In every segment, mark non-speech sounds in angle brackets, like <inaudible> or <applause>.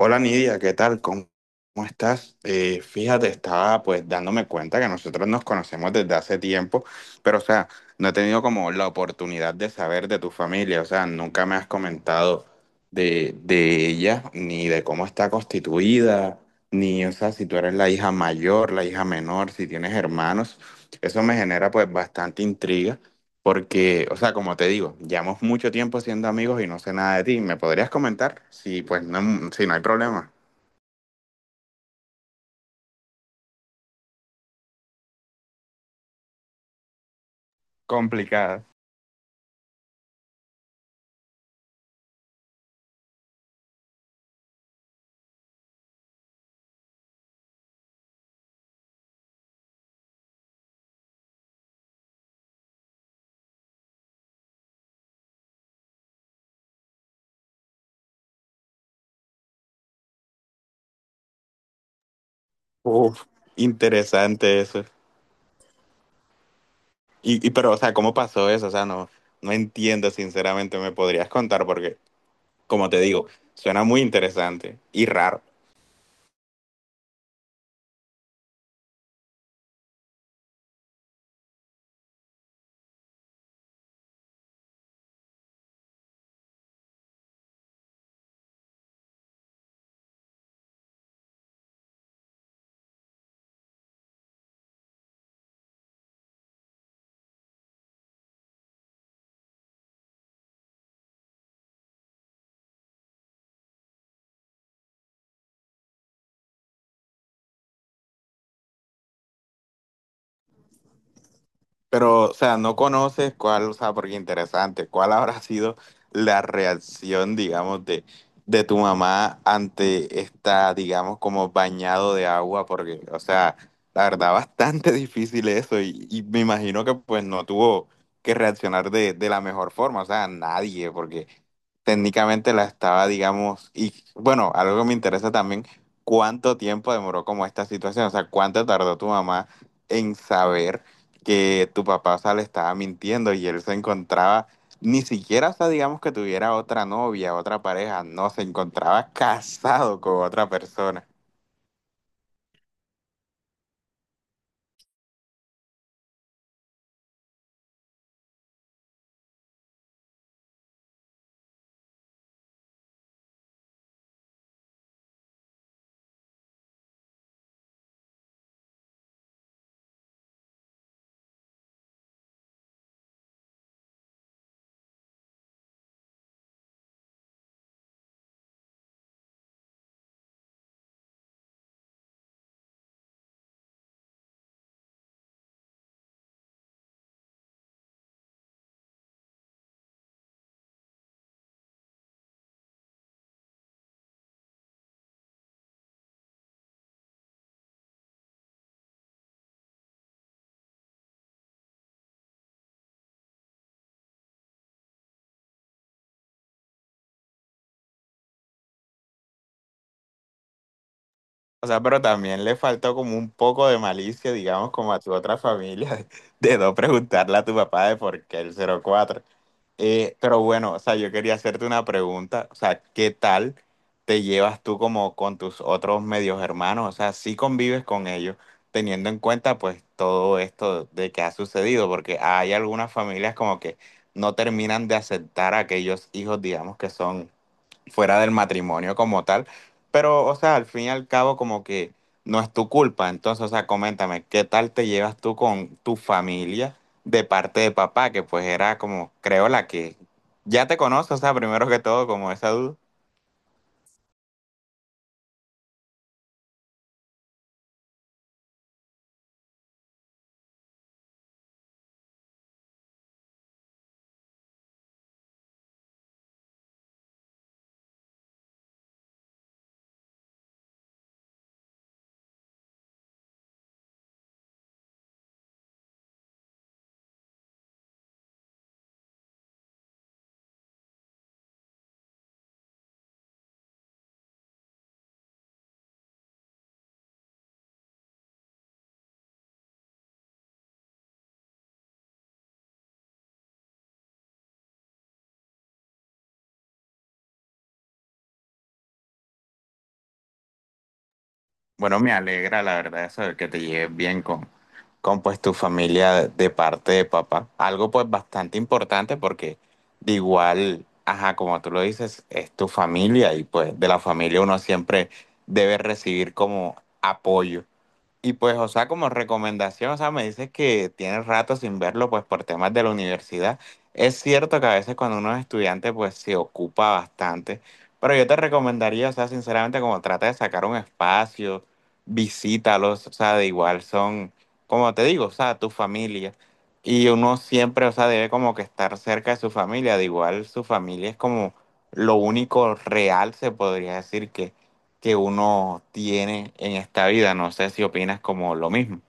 Hola Nidia, ¿qué tal? ¿Cómo estás? Fíjate, estaba pues dándome cuenta que nosotros nos conocemos desde hace tiempo, pero o sea, no he tenido como la oportunidad de saber de tu familia, o sea, nunca me has comentado de ella, ni de cómo está constituida, ni, o sea, si tú eres la hija mayor, la hija menor, si tienes hermanos, eso me genera pues bastante intriga. Porque, o sea, como te digo, llevamos mucho tiempo siendo amigos y no sé nada de ti. ¿Me podrías comentar? Sí, pues no, sí, no hay problema. Complicada. Uf, interesante eso. Y pero, o sea, ¿cómo pasó eso? O sea, no, no entiendo, sinceramente, ¿me podrías contar? Porque, como te digo, suena muy interesante y raro. Pero, o sea, no conoces cuál, o sea, porque interesante, cuál habrá <laughs> sido la reacción, digamos, de tu mamá ante esta, digamos, como bañado de agua, porque, o sea, la verdad, <laughs> bastante difícil eso y me imagino que pues no tuvo que reaccionar de la mejor forma, o sea, nadie, porque técnicamente la estaba, digamos, y bueno, algo que me interesa también, cuánto tiempo demoró como esta situación, o sea, cuánto tardó tu mamá en saber que tu papá, o sea, le estaba mintiendo y él se encontraba, ni siquiera, o sea, digamos que tuviera otra novia, otra pareja, no, se encontraba casado con otra persona. O sea, pero también le faltó como un poco de malicia, digamos, como a tu otra familia, <laughs> de, no preguntarle a tu papá de por qué el 04. Pero bueno, o sea, yo quería hacerte una pregunta, o sea, ¿qué tal te llevas tú como con tus otros medios hermanos? O sea, si convives con ellos, teniendo en cuenta pues todo esto de que ha sucedido? Porque hay algunas familias como que no terminan de aceptar a aquellos hijos, digamos, que son fuera del matrimonio como tal. Pero, o sea, al fin y al cabo, como que no es tu culpa. Entonces, o sea, coméntame, ¿qué tal te llevas tú con tu familia de parte de papá? Que pues era como, creo, la que ya te conoce, o sea, primero que todo, como esa duda. Bueno, me alegra la verdad eso de que te lleves bien con pues tu familia de parte de papá. Algo pues bastante importante porque de igual, ajá, como tú lo dices, es tu familia y pues de la familia uno siempre debe recibir como apoyo. Y pues, o sea, como recomendación, o sea, me dices que tienes rato sin verlo, pues por temas de la universidad. Es cierto que a veces cuando uno es estudiante, pues se ocupa bastante, pero yo te recomendaría, o sea, sinceramente, como trata de sacar un espacio, visítalos, o sea, de igual son, como te digo, o sea, tu familia. Y uno siempre, o sea, debe como que estar cerca de su familia, de igual su familia es como lo único real, se podría decir que uno tiene en esta vida. No sé si opinas como lo mismo.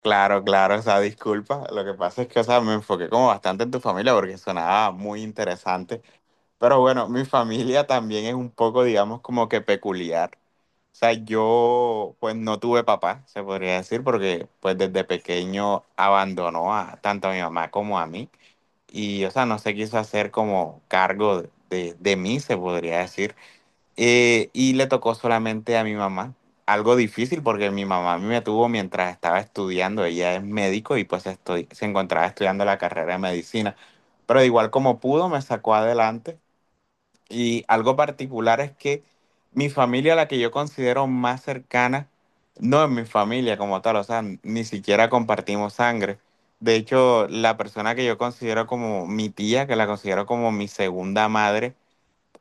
Claro, claro, o sea, disculpa. Lo que pasa es que, o sea, me enfoqué como bastante en tu familia porque sonaba muy interesante. Pero bueno, mi familia también es un poco, digamos, como que peculiar. O sea, yo pues no tuve papá, se podría decir, porque pues desde pequeño abandonó a tanto a mi mamá como a mí. Y, o sea, no se quiso hacer como cargo de mí, se podría decir. Y le tocó solamente a mi mamá. Algo difícil porque mi mamá a mí me tuvo mientras estaba estudiando. Ella es médico y pues estoy, se encontraba estudiando la carrera de medicina. Pero de igual como pudo, me sacó adelante. Y algo particular es que mi familia, la que yo considero más cercana, no es mi familia como tal, o sea, ni siquiera compartimos sangre. De hecho, la persona que yo considero como mi tía, que la considero como mi segunda madre,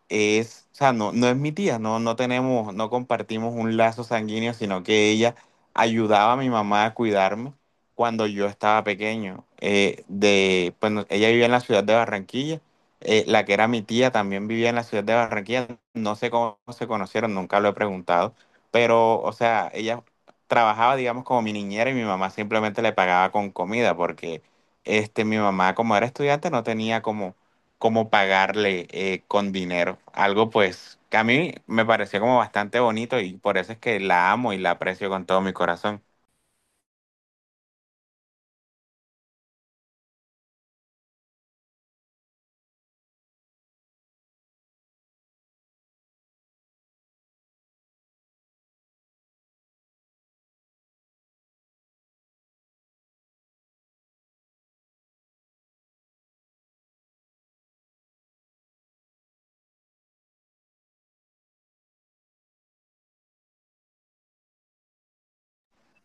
es, o sea, no, no es mi tía, no, no tenemos, no compartimos un lazo sanguíneo, sino que ella ayudaba a mi mamá a cuidarme cuando yo estaba pequeño. Bueno, ella vivía en la ciudad de Barranquilla, la que era mi tía también vivía en la ciudad de Barranquilla, no sé cómo se conocieron, nunca lo he preguntado, pero, o sea, ella trabajaba, digamos, como mi niñera y mi mamá simplemente le pagaba con comida, porque este, mi mamá, como era estudiante, no tenía como pagarle con dinero. Algo pues que a mí me pareció como bastante bonito y por eso es que la amo y la aprecio con todo mi corazón.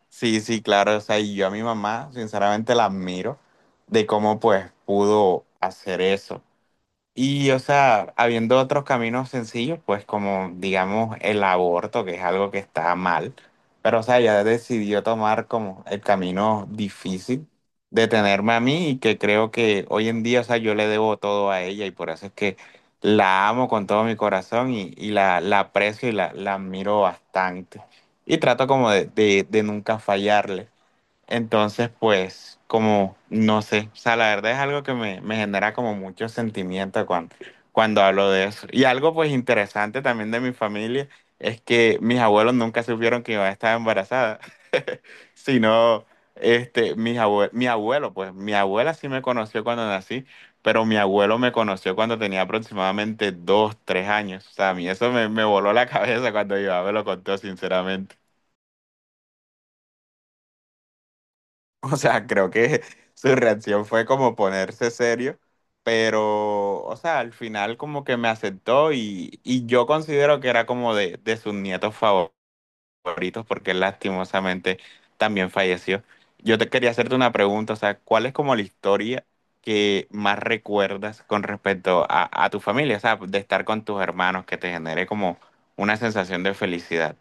Sí, sí, claro, o sea, y yo a mi mamá sinceramente la admiro de cómo pues pudo hacer eso. Y, o sea, habiendo otros caminos sencillos, pues como, digamos, el aborto, que es algo que está mal, pero, o sea, ella decidió tomar como el camino difícil de tenerme a mí y que creo que hoy en día, o sea, yo le debo todo a ella y por eso es que la amo con todo mi corazón y la aprecio y la admiro bastante. Y trato como de nunca fallarle. Entonces, pues, como, no sé, o sea, la verdad es algo que me genera como mucho sentimiento cuando hablo de eso. Y algo pues interesante también de mi familia es que mis abuelos nunca supieron que yo estaba embarazada, <laughs> sino, mi abuelo, pues, mi abuela sí me conoció cuando nací, pero mi abuelo me conoció cuando tenía aproximadamente 2, 3 años. O sea, a mí eso me voló la <laughs> cabeza cuando mi mamá me lo contó, sinceramente. <laughs> O sea, creo que su reacción fue como ponerse serio, pero, o sea, al final como que me aceptó y yo considero que era como de sus nietos favoritos porque él lastimosamente también falleció. Yo te quería hacerte una pregunta, o sea, ¿cuál es como la historia que más recuerdas con respecto a tu familia? O sea, de estar con tus hermanos que te genere como una sensación de felicidad.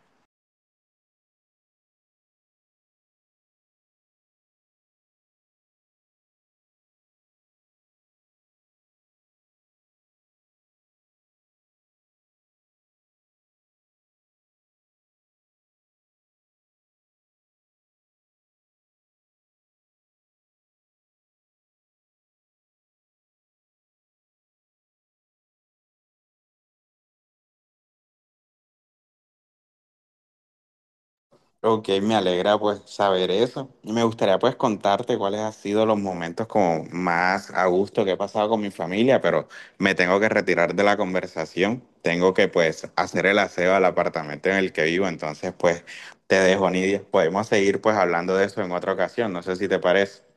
Ok, me alegra pues saber eso. Y me gustaría pues contarte cuáles han sido los momentos como más a gusto que he pasado con mi familia, pero me tengo que retirar de la conversación. Tengo que pues hacer el aseo al apartamento en el que vivo, entonces pues te dejo, Nidia. Podemos seguir pues hablando de eso en otra ocasión, no sé si te parece.